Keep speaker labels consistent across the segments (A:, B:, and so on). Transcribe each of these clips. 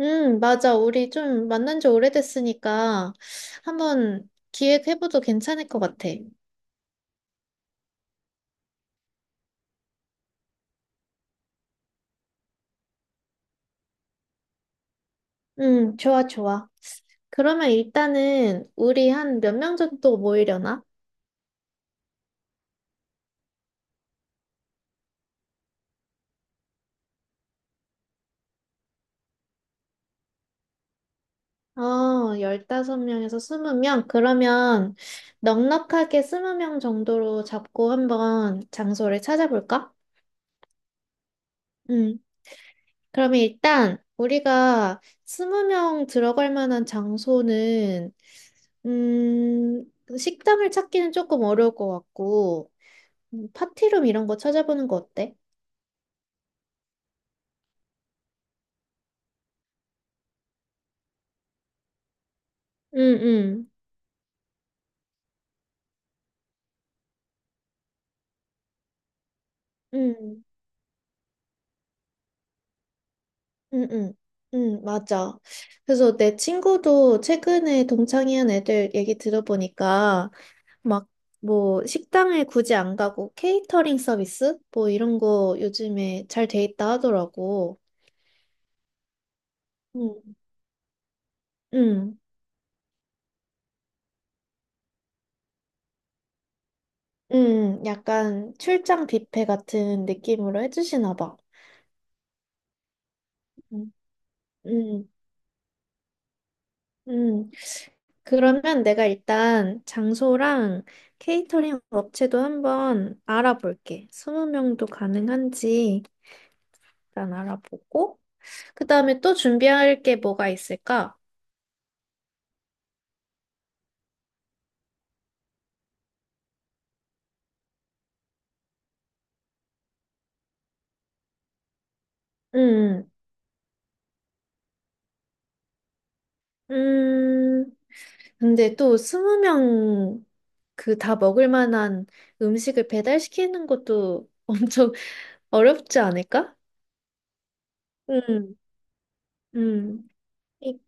A: 맞아. 우리 좀 만난 지 오래됐으니까 한번 기획해봐도 괜찮을 것 같아. 좋아, 좋아. 그러면 일단은 우리 한 몇 명 정도 모이려나? 어, 15명에서 20명? 그러면 넉넉하게 20명 정도로 잡고 한번 장소를 찾아볼까? 음, 그러면 일단 우리가 20명 들어갈 만한 장소는 그 식당을 찾기는 조금 어려울 것 같고, 파티룸 이런 거 찾아보는 거 어때? 응, 응, 응, 응, 응, 응, 맞아. 그래서 내 친구도 최근에 동창회한 애들 얘기 들어보니까, 막, 뭐, 식당에 굳이 안 가고, 케이터링 서비스? 뭐, 이런 거 요즘에 잘 돼 있다 하더라고. 응, 응, 응, 약간 출장 뷔페 같은 느낌으로 해주시나 봐. 응, 응. 응. 그러면 내가 일단 장소랑 케이터링 업체도 한번 알아볼게. 20명도 가능한지 일단 알아보고. 그 다음에 또 준비할 게 뭐가 있을까? 음, 음, 근데 또 20명 그 다 먹을 만한 음식을 배달시키는 것도 엄청 어렵지 않을까? 음, 음, 이-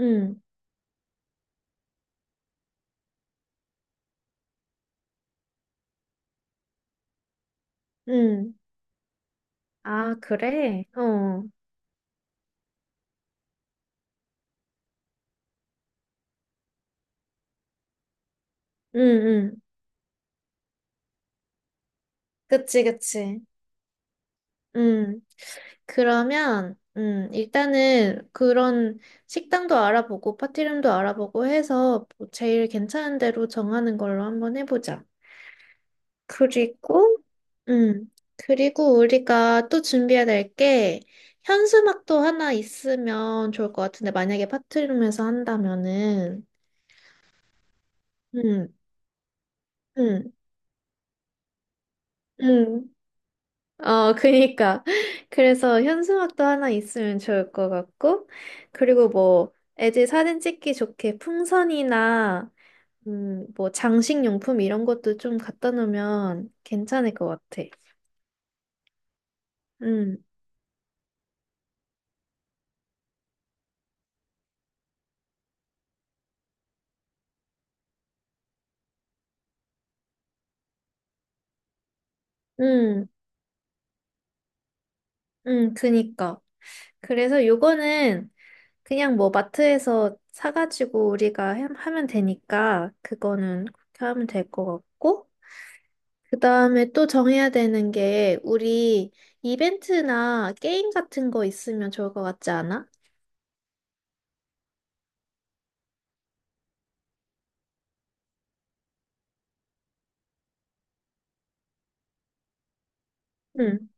A: 음, 음. 아, 그래? 어, 음. 그치, 그치. 음, 그러면, 일단은 그런 식당도 알아보고, 파티룸도 알아보고 해서 뭐 제일 괜찮은 대로 정하는 걸로 한번 해보자. 그리고, 음, 그리고 우리가 또 준비해야 될 게, 현수막도 하나 있으면 좋을 것 같은데, 만약에 파티룸에서 한다면은, 음, 음, 음. 어, 그니까. 그래서 현수막도 하나 있으면 좋을 것 같고, 그리고 뭐, 애들 사진 찍기 좋게 풍선이나, 뭐, 장식용품 이런 것도 좀 갖다 놓으면 괜찮을 것 같아. 음, 음, 그니까. 그래서 요거는 그냥 뭐 마트에서 사가지고 우리가 하면 되니까, 그거는 그렇게 하면 될 것 같고, 그 다음에 또 정해야 되는 게, 우리 이벤트나 게임 같은 거 있으면 좋을 것 같지 않아? 응.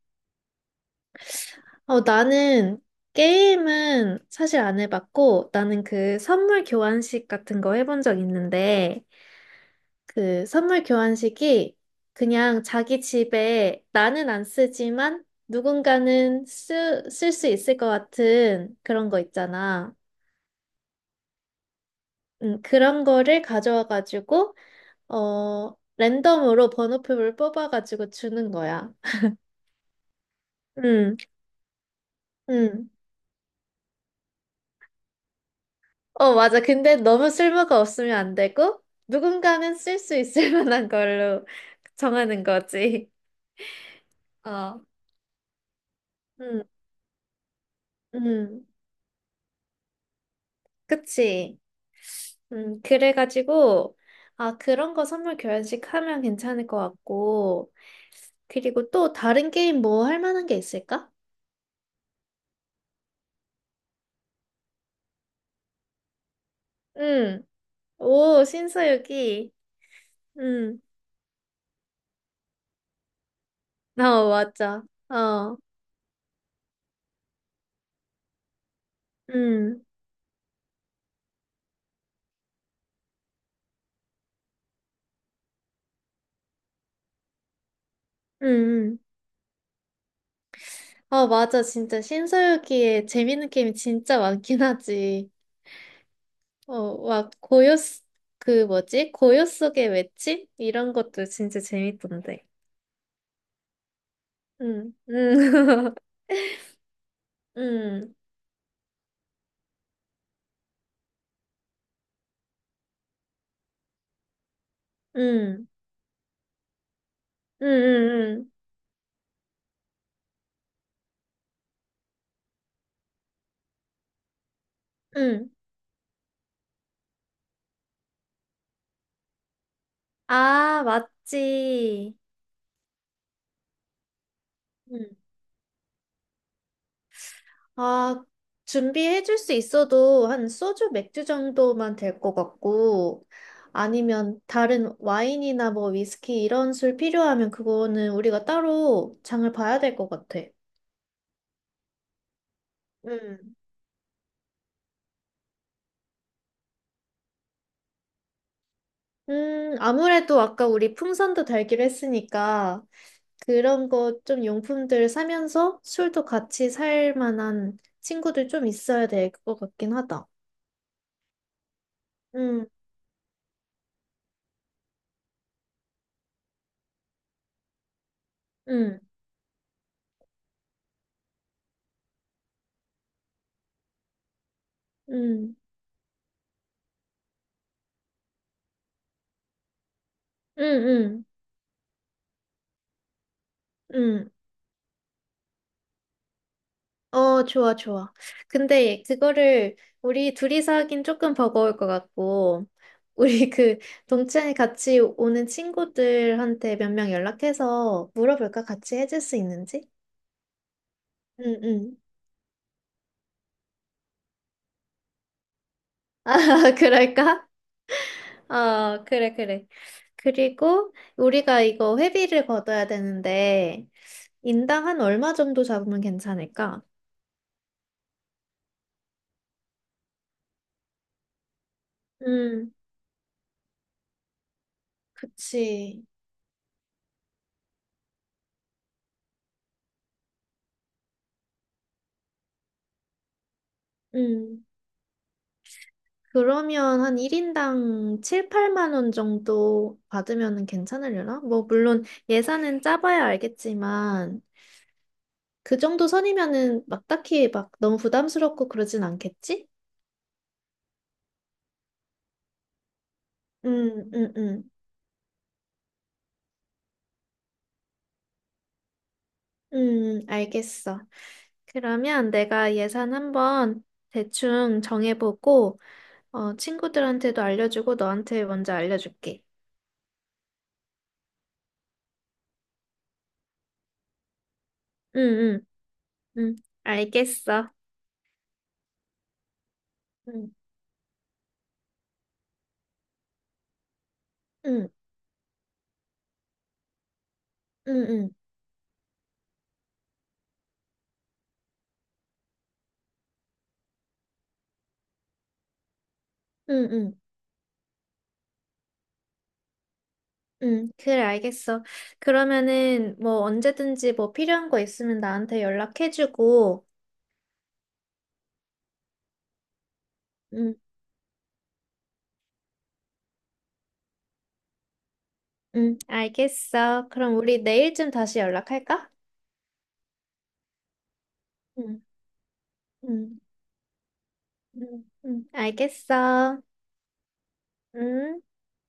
A: 어, 나는 게임은 사실 안 해봤고, 나는 그 선물 교환식 같은 거 해본 적 있는데, 그 선물 교환식이 그냥 자기 집에 나는 안 쓰지만 누군가는 쓸 수 있을 것 같은 그런 거 있잖아. 그런 거를 가져와가지고, 어, 랜덤으로 번호표를 뽑아가지고 주는 거야. 응, 응. 어, 맞아. 근데 너무 쓸모가 없으면 안 되고, 누군가는 쓸 수 있을 만한 걸로 정하는 거지. 어, 응, 응. 그치. 응, 그래가지고, 아, 그런 거 선물 교환식 하면 괜찮을 것 같고, 그리고 또 다른 게임 뭐 할 만한 게 있을까? 응, 오, 신서유기. 응, 어, 맞아. 어. 음, 음, 음. 아, 맞아. 진짜 신서유기에 재밌는 게임이 진짜 많긴 하지. 어, 막 고요, 그 뭐지? 고요 속의 외침? 이런 것도 진짜 재밌던데. 응 응 응 응 응 응 응 응 아, 맞지. 응. 아, 준비해 줄 수 있어도 한 소주, 맥주 정도만 될 것 같고, 아니면 다른 와인이나 뭐 위스키 이런 술 필요하면 그거는 우리가 따로 장을 봐야 될 것 같아. 음. 아무래도 아까 우리 풍선도 달기로 했으니까 그런 거 좀 용품들 사면서 술도 같이 살 만한 친구들 좀 있어야 될 것 같긴 하다. 음. 음음음음음 어, 좋아, 좋아. 근데 그거를 우리 둘이서 하긴 조금 버거울 것 같고, 우리 그 동창회 같이 오는 친구들한테 몇 명 연락해서 물어볼까? 같이 해줄 수 있는지? 응, 응. 아, 그럴까? 어, 그래, 그래. 그리고 우리가 이거 회비를 걷어야 되는데, 인당 한 얼마 정도 잡으면 괜찮을까? 음, 그치. 음. 그러면 한 1인당 7, 8만 원 정도 받으면 괜찮으려나? 뭐, 물론 예산은 짜봐야 알겠지만, 그 정도 선이면은 막 딱히 막 너무 부담스럽고 그러진 않겠지? 음, 음, 음. 알겠어. 그러면 내가 예산 한번 대충 정해보고, 어, 친구들한테도 알려주고 너한테 먼저 알려줄게. 응, 응, 응. 알겠어. 응, 응, 응, 응, 응, 응. 응, 그래, 알겠어. 그러면은, 뭐, 언제든지 뭐 필요한 거 있으면 나한테 연락해주고, 응, 응, 알겠어. 그럼 우리 내일쯤 다시 연락할까? 응, 응, 응, 응, 알겠어. 응.